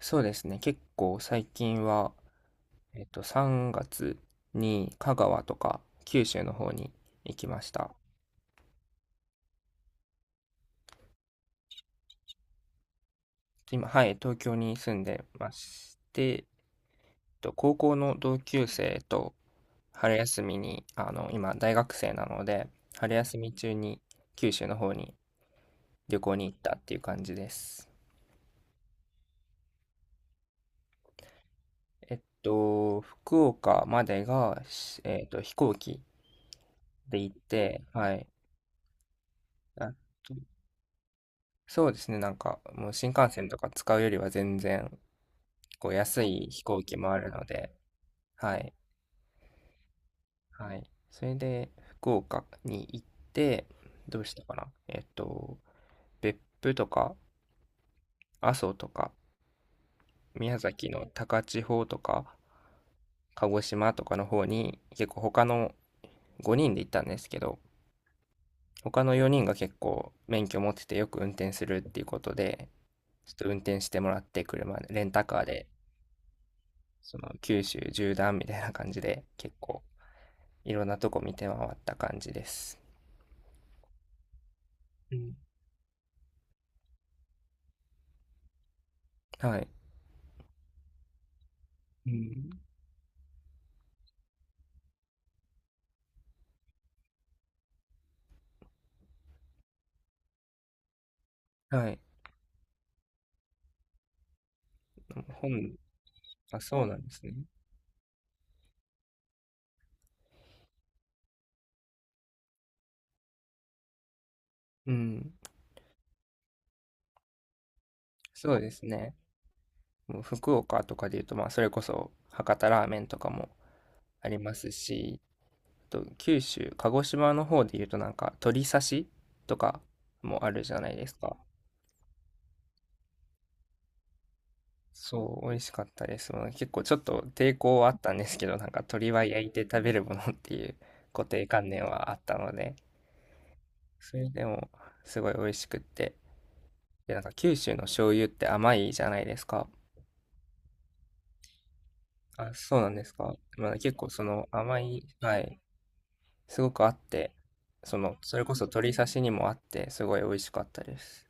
そうですね。結構最近は、3月に香川とか九州の方に行きました。今、はい、東京に住んでまして、高校の同級生と春休みに、今、大学生なので、春休み中に九州の方に旅行に行ったっていう感じです。福岡までが、しえっと、飛行機で行って、はい。あそうですね、なんか、もう新幹線とか使うよりは全然、こう、安い飛行機もあるので、はい、はい。それで、福岡に行って、どうしたかな別府とか、阿蘇とか、宮崎の高千穂とか、鹿児島とかの方に、結構他の5人で行ったんですけど、他の4人が結構免許持っててよく運転するっていうことで、ちょっと運転してもらって車で、レンタカーでその九州縦断みたいな感じで結構いろんなとこ見て回った感じです。うん。はい。うん。はい。本、あ、そうなんですね。うん。そうですね。もう福岡とかで言うと、まあ、それこそ博多ラーメンとかもありますし、あと九州、鹿児島の方で言うとなんか鳥刺しとかもあるじゃないですか。そう、美味しかったです。まあ結構ちょっと抵抗はあったんですけど、なんか鶏は焼いて食べるものっていう固定観念はあったので、それでもすごい美味しくって。で、なんか九州の醤油って甘いじゃないですか。あ、そうなんですか。まあ、結構その甘い、はい、すごくあって、その、それこそ鶏刺しにもあって、すごい美味しかったです。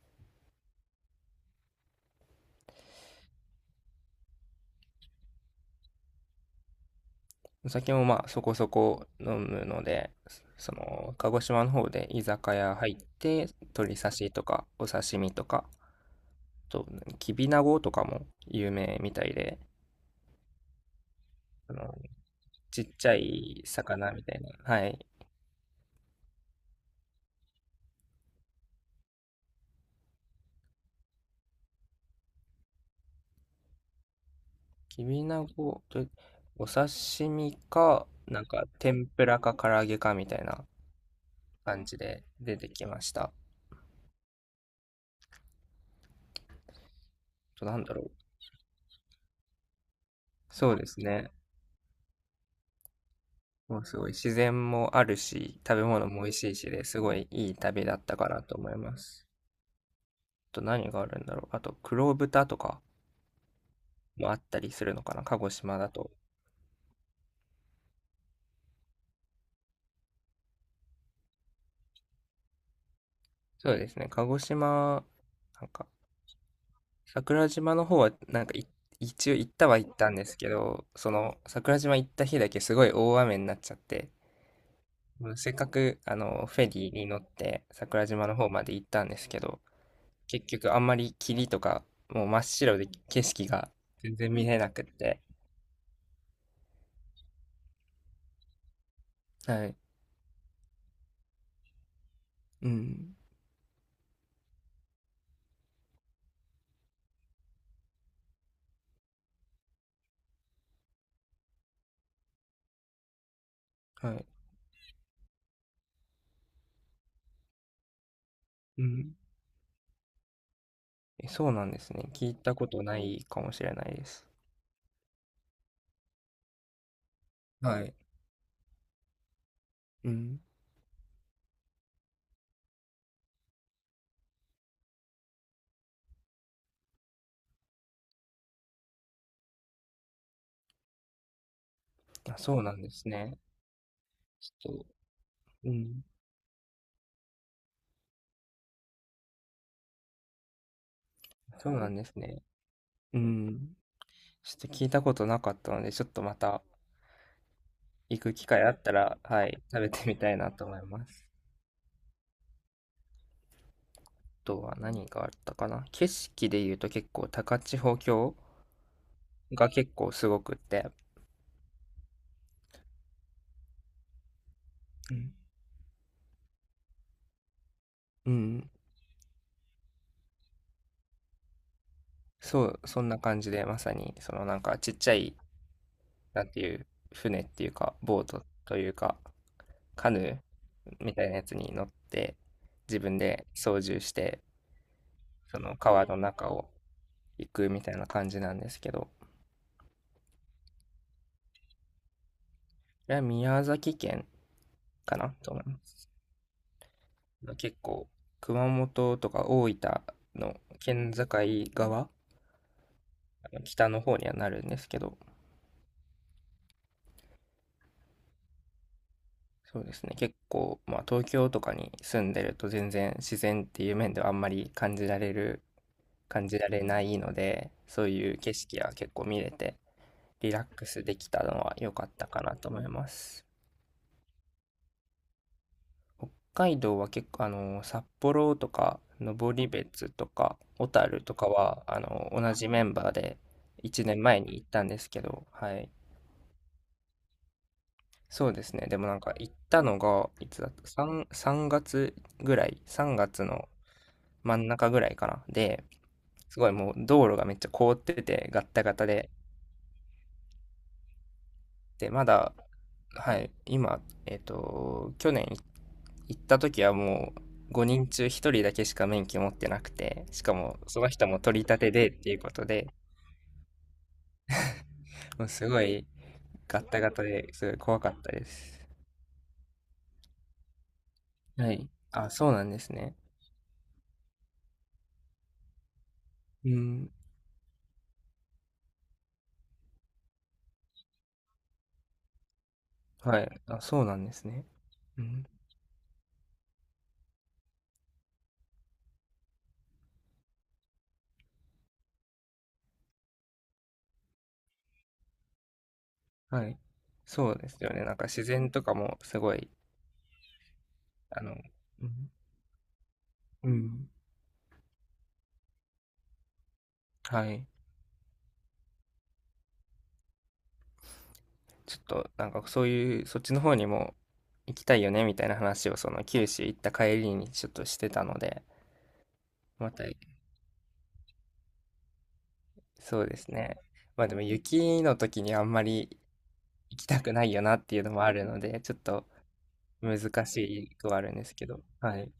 お酒もまあそこそこ飲むので、その、鹿児島の方で居酒屋入って、鶏刺しとかお刺身とか、あと、きびなごとかも有名みたいで、あの、ちっちゃい魚みたいな。はい。きびなごと、お刺身か、なんか天ぷらか唐揚げかみたいな感じで出てきました。あとなんだろう。そうですね。もうすごい自然もあるし、食べ物も美味しいしで、すごいいい旅だったかなと思います。あと何があるんだろう。あと黒豚とかもあったりするのかな、鹿児島だと。そうですね、鹿児島、なんか桜島の方はなんか一応行ったは行ったんですけど、その桜島行った日だけすごい大雨になっちゃって、せっかくあのフェリーに乗って桜島の方まで行ったんですけど、結局あんまり霧とか、もう真っ白で景色が全然見えなくって。はい。うん。はい。うん。え、そうなんですね。聞いたことないかもしれないです。はい。うん。あ、そうなんですね。ちょっと、うん。そうなんですね。うん。ちょっと聞いたことなかったので、ちょっとまた行く機会あったら、はい、食べてみたいなと思います。あとは何があったかな。景色で言うと結構高千穂峡が結構すごくって、うん。うん。そう、そんな感じで、まさに、そのなんかちっちゃい、なんていう、船っていうか、ボートというか、カヌーみたいなやつに乗って、自分で操縦して、その川の中を行くみたいな感じなんですけど、これは宮崎県かなと思います。結構、熊本とか大分の県境側、あの北の方にはなるんですけど、そうですね。結構、まあ、東京とかに住んでると全然自然っていう面ではあんまり感じられる、感じられないので、そういう景色は結構見れて、リラックスできたのは良かったかなと思います。北海道は結構、札幌とか、登別とか、小樽とかは、同じメンバーで1年前に行ったんですけど、はい。そうですね。でもなんか行ったのが、いつだった? 3月ぐらい、3月の真ん中ぐらいかな。で、すごいもう道路がめっちゃ凍ってて、ガッタガタで。で、まだ、はい、今、去年行った時はもう5人中一人だけしか免許持ってなくて、しかもその人も取り立てでっていうことで、もうすごいガッタガタですごい怖かったです。はい。あ、そうなんですね。うん。はい。あ、そうなんですね。うん。はい。そうですよね。なんか自然とかもすごい、あの、うんうん。はい。ちょっと、なんかそういう、そっちの方にも行きたいよね、みたいな話を、その九州行った帰りにちょっとしてたので、また、そうですね。まあでも雪の時にあんまり行きたくないよなっていうのもあるので、ちょっと難しくはあるんですけど。はい。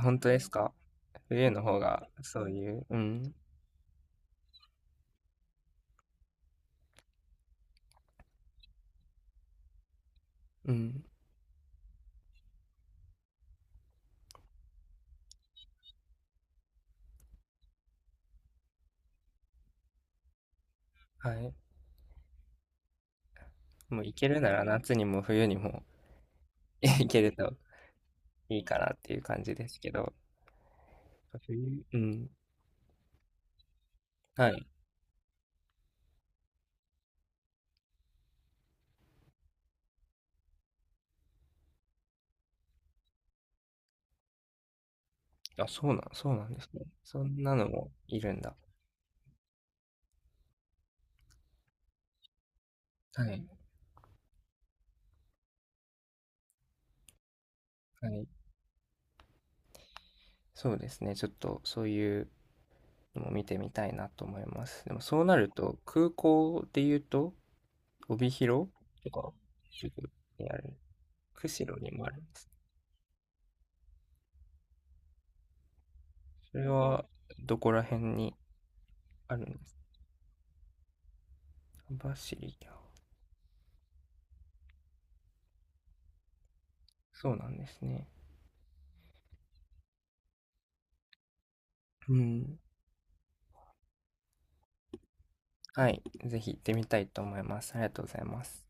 本当ですか？冬の方が、そういう、うん、うん。はい。もう行けるなら夏にも冬にも 行けるといいかなっていう感じですけど。冬、うん。はい。あ、そうなんですね。そんなのもいるんだ。はい。い。はい。そうですね。ちょっとそういうのも見てみたいなと思います。でもそうなると、空港で言うと、帯広とか、釧路にある。釧路にもあるんです。それはどこら辺にあるんですか？網走か。そうなんですね。うん。はい。ぜひ行ってみたいと思います。ありがとうございます。